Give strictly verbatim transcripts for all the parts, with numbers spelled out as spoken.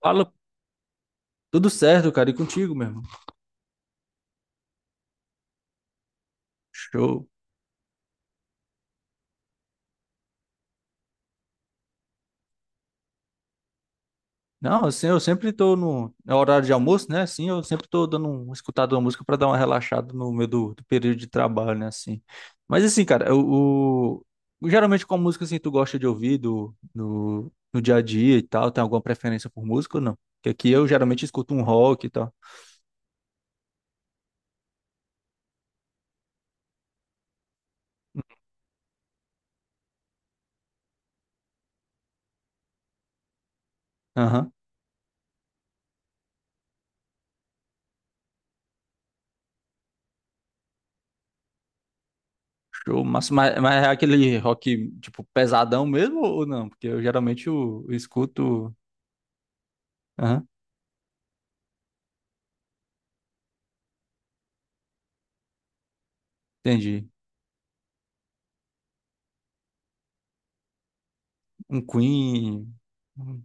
Fala, tudo certo, cara, e contigo, meu irmão? Show. Não, assim, eu sempre tô no, no horário de almoço, né? Assim, eu sempre tô dando um, escutado uma música pra dar uma relaxada no meio do, do período de trabalho, né? Assim. Mas assim, cara, o, o- geralmente qual música assim tu gosta de ouvir do, no, no dia a dia e tal? Tem alguma preferência por música ou não? Porque aqui eu geralmente escuto um rock e tal. Aham. Show, mas, mas, mas é aquele rock, tipo, pesadão mesmo ou não? Porque eu geralmente eu, eu escuto. Aham, entendi. Um Queen. um-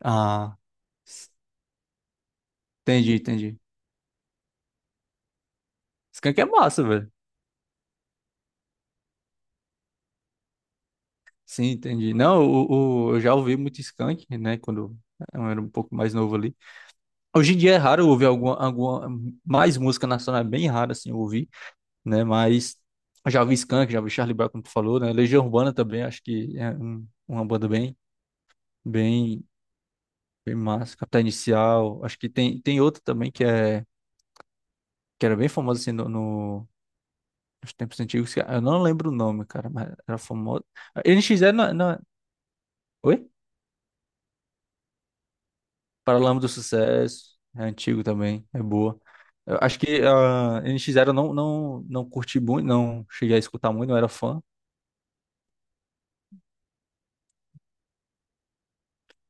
Ah, s- entendi, entendi. Skank é massa, velho. Sim, entendi. Não, o, o- eu já ouvi muito Skank, né? Quando eu era um pouco mais novo ali. Hoje em dia é raro eu ouvir alguma, alguma mais música nacional, é bem raro assim eu ouvir, né? Mas eu já ouvi Skank, já ouvi Charlie Brown, como tu falou, né? Legião Urbana também, acho que é um- uma banda bem, bem, bem massa. Capital Inicial, acho que tem, tem outra também que é que era bem famosa assim no, no- os tempos antigos, que- eu não lembro o nome, cara, mas era famoso. N X é na, na... Oi? Paralama do Sucesso. É antigo também, é boa. Eu acho que a N X Zero não, não, não curti muito, não cheguei a escutar muito, não era fã.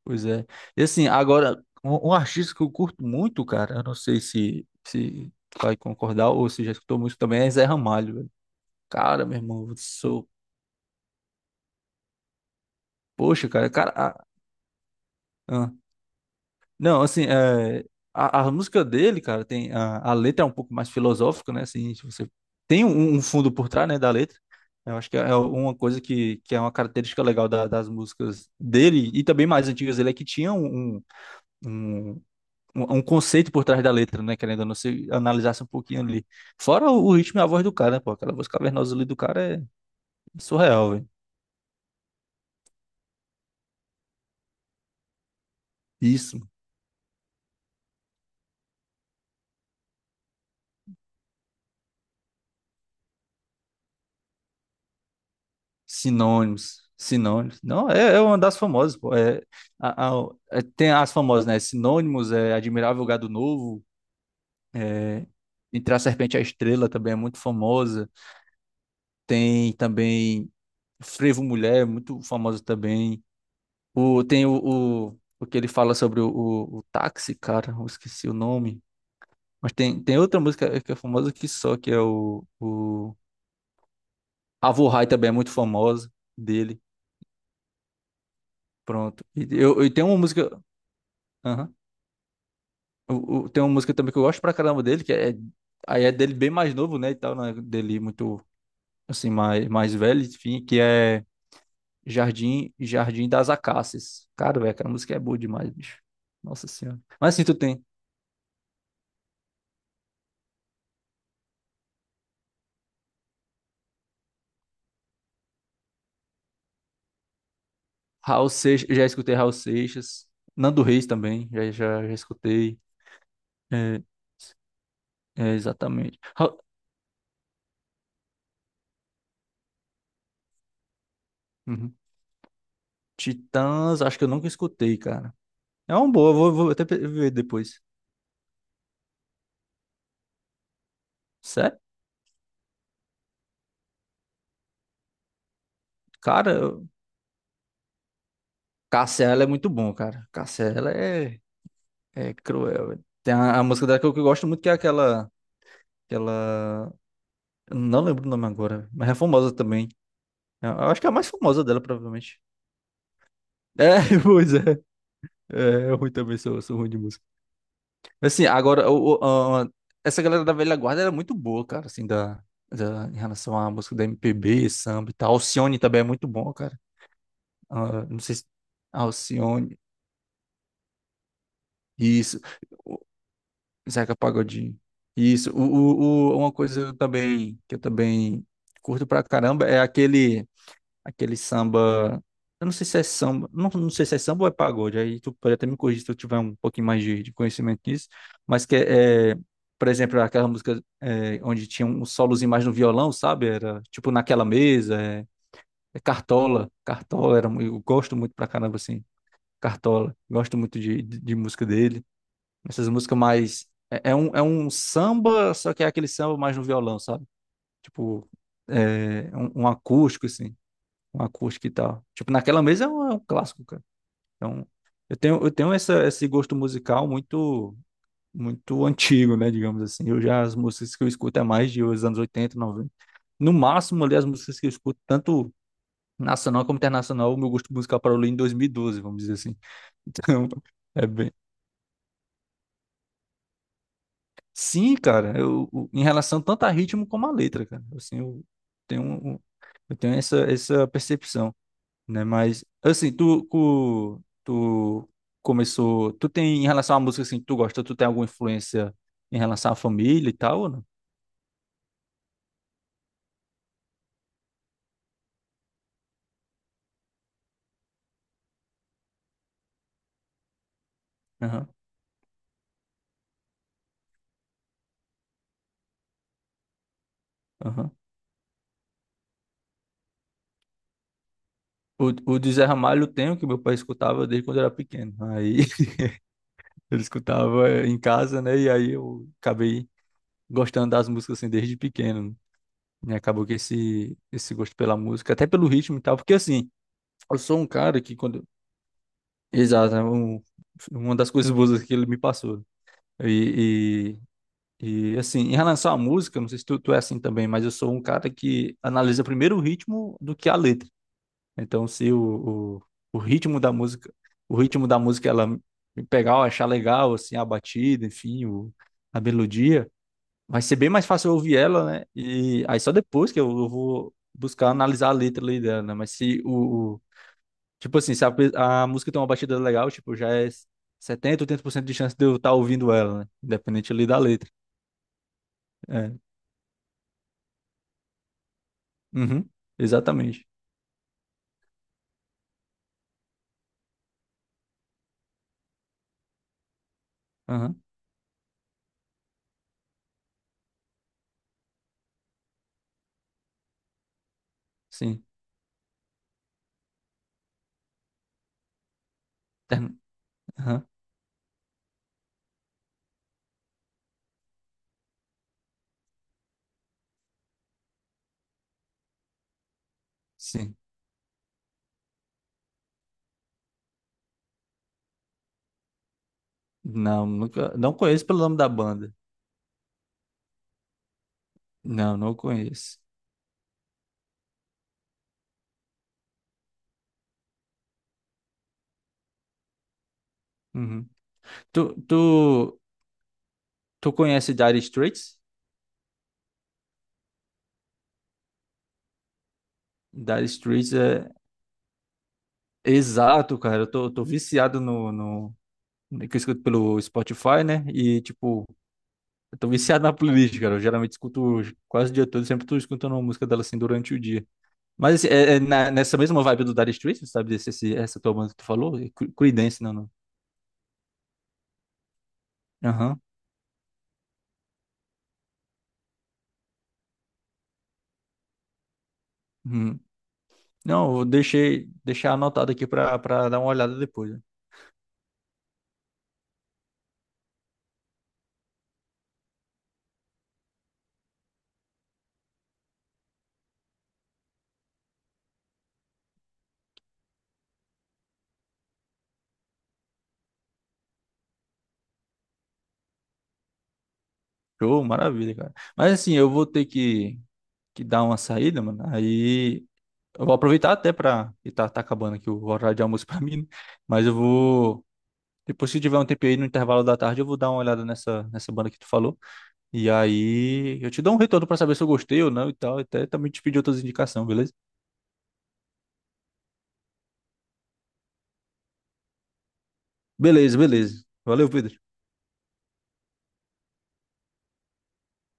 Pois é. E assim, agora, um, um artista que eu curto muito, cara, eu não sei se, se vai concordar ou se já escutou muito também, é Zé Ramalho, velho. Cara, meu irmão, eu sou. Poxa, cara, cara. Ah, não, assim, é, a, a música dele, cara, tem a, a letra é um pouco mais filosófica, né? Assim, se você tem um, um fundo por trás, né, da letra. Eu acho que é é uma coisa que, que é uma característica legal da- das músicas dele e também mais antigas dele é que tinha um, um, um, um conceito por trás da letra, né? Querendo ou não, se analisasse um pouquinho ali. Fora o, o ritmo e a voz do cara, né? Pô, aquela voz cavernosa ali do cara é surreal, velho. Isso. Sinônimos, sinônimos. Não, é, é uma das famosas, pô. É, a- a- é, tem as famosas, né? Sinônimos, é Admirável Gado Novo, é, Entre a Serpente e a Estrela também é muito famosa. Tem também Frevo Mulher, muito famosa também. O, tem o, o, o que ele fala sobre o, o, o táxi, cara, eu esqueci o nome. Mas tem, tem outra música que é famosa que só, que é o, o... Avo High também é muito famosa dele. Pronto. E, eu, e tem uma música. Aham. O- o- tem uma música também que eu gosto pra caramba dele, que é. Aí é dele bem mais novo, né? E tal, né? Dele muito, assim, mais, mais velho, enfim, que é Jardim, Jardim das Acácias. Cara, velho, aquela música é boa demais, bicho. Nossa Senhora. Mas assim, tu tem Raul Seixas, já escutei Raul Seixas. Nando Reis também, já, já, já escutei. É, é, Exatamente. Raul- Uhum. Titãs, acho que eu nunca escutei, cara. É uma boa, vou, vou até pe- ver depois. Sério? Cara, eu- Cássia, ela é muito bom, cara. Cássia, ela é. É cruel, tem a, a música dela que eu, que eu gosto muito, que é aquela, aquela... eu não lembro o nome agora, mas é famosa também. Eu, eu acho que é a mais famosa dela, provavelmente. É, pois é. É, eu ruim também, sou, sou ruim de música. Assim, agora, o, o- a- essa galera da velha guarda era muito boa, cara, assim, da, da, em relação à música da M P B, samba e tal. Alcione também é muito bom, cara. Ah, não sei se... Alcione, isso. Zeca Pagodinho. Isso. O, o, o- uma coisa eu também, que eu também curto pra caramba é aquele, aquele samba. Eu não sei se é samba. Não, não sei se é samba ou é pagode. Aí tu pode até me corrigir se eu tiver um pouquinho mais de, de conhecimento nisso. Mas que é, é, por exemplo, aquela música é, onde tinha um solozinho mais no violão, sabe? Era tipo naquela mesa. É, é Cartola. Cartola era. mu- Eu gosto muito pra caramba, assim. Cartola. Gosto muito de, de de música dele. Essas músicas mais. É, é um, é um samba, só que é aquele samba mais no violão, sabe? Tipo, é, um, um acústico, assim. Um acústico e tal. Tipo, naquela mesa é um, é um, clássico, cara. Então, eu tenho, eu tenho essa, esse gosto musical muito, muito antigo, né? Digamos assim. Eu já, as músicas que eu escuto é mais de os anos oitenta noventa no máximo, ali, as músicas que eu escuto, tanto nacional como internacional, o meu gosto musical parou ali em dois mil e doze, vamos dizer assim. Então, é bem, sim, cara, eu, o- em relação tanto a ritmo como a letra, cara. Assim, eu tenho, um- um, eu tenho essa, essa percepção, né? Mas, assim, tu, tu, tu começou. Tu tem, em relação à música, assim, que tu gosta, tu tem alguma influência em relação à família e tal, ou não? Aham, aham. O, o de Zé Ramalho eu tenho, que meu pai escutava desde quando eu era pequeno. Aí ele escutava em casa, né? E aí eu acabei gostando das músicas, assim, desde pequeno. E acabou que esse, esse gosto pela música, até pelo ritmo e tal, porque assim, eu sou um cara que quando. Exato, é um- uma das coisas boas que ele me passou. E, e, e, assim, em relação à música, não sei se tu, tu é assim também, mas eu sou um cara que analisa primeiro o ritmo do que a letra. Então, se o, o, o ritmo da música, o ritmo da música ela me pegar, eu achar legal, assim, a batida, enfim, o, a melodia vai ser bem mais fácil eu ouvir ela, né? E aí só depois que eu, eu vou buscar analisar a letra ali dela, né? Mas se o, o- tipo assim, se a, pe- a música tem uma batida legal, tipo, já é setenta, oitenta por cento de chance de eu estar ouvindo ela, né? Independente ali da letra. É. Uhum. Exatamente. Aham. Sim. Term- Aham. Sim. Não, nunca, não conheço pelo nome da banda. Não, não conheço. Uhum. Tu, tu, tu conhece Dire Straits? Dire Straits é Exato, cara. Eu tô, eu tô viciado no, no. Que eu escuto pelo Spotify, né? E, tipo, eu tô viciado na playlist, cara. Eu geralmente escuto quase o dia todo, sempre tô escutando uma música dela assim durante o dia. Mas assim, é, é na- nessa mesma vibe do Dire Straits, sabe? Esse, esse- essa tua banda que tu falou? É Cre- Creedence, não, não. Aham. Uhum. Não, eu deixei, deixar anotado aqui pra, pra dar uma olhada depois, né? Show, maravilha, cara. Mas assim, eu vou ter que, que dar uma saída, mano. Aí. Eu vou aproveitar até pra. E tá, tá acabando aqui o horário de almoço pra mim, né? Mas eu vou. Depois, se tiver um tempo aí no intervalo da tarde, eu vou dar uma olhada nessa, nessa banda que tu falou. E aí eu te dou um retorno pra saber se eu gostei ou não e tal. Até também te pedir outras indicações, beleza? Beleza, beleza. Valeu, Pedro.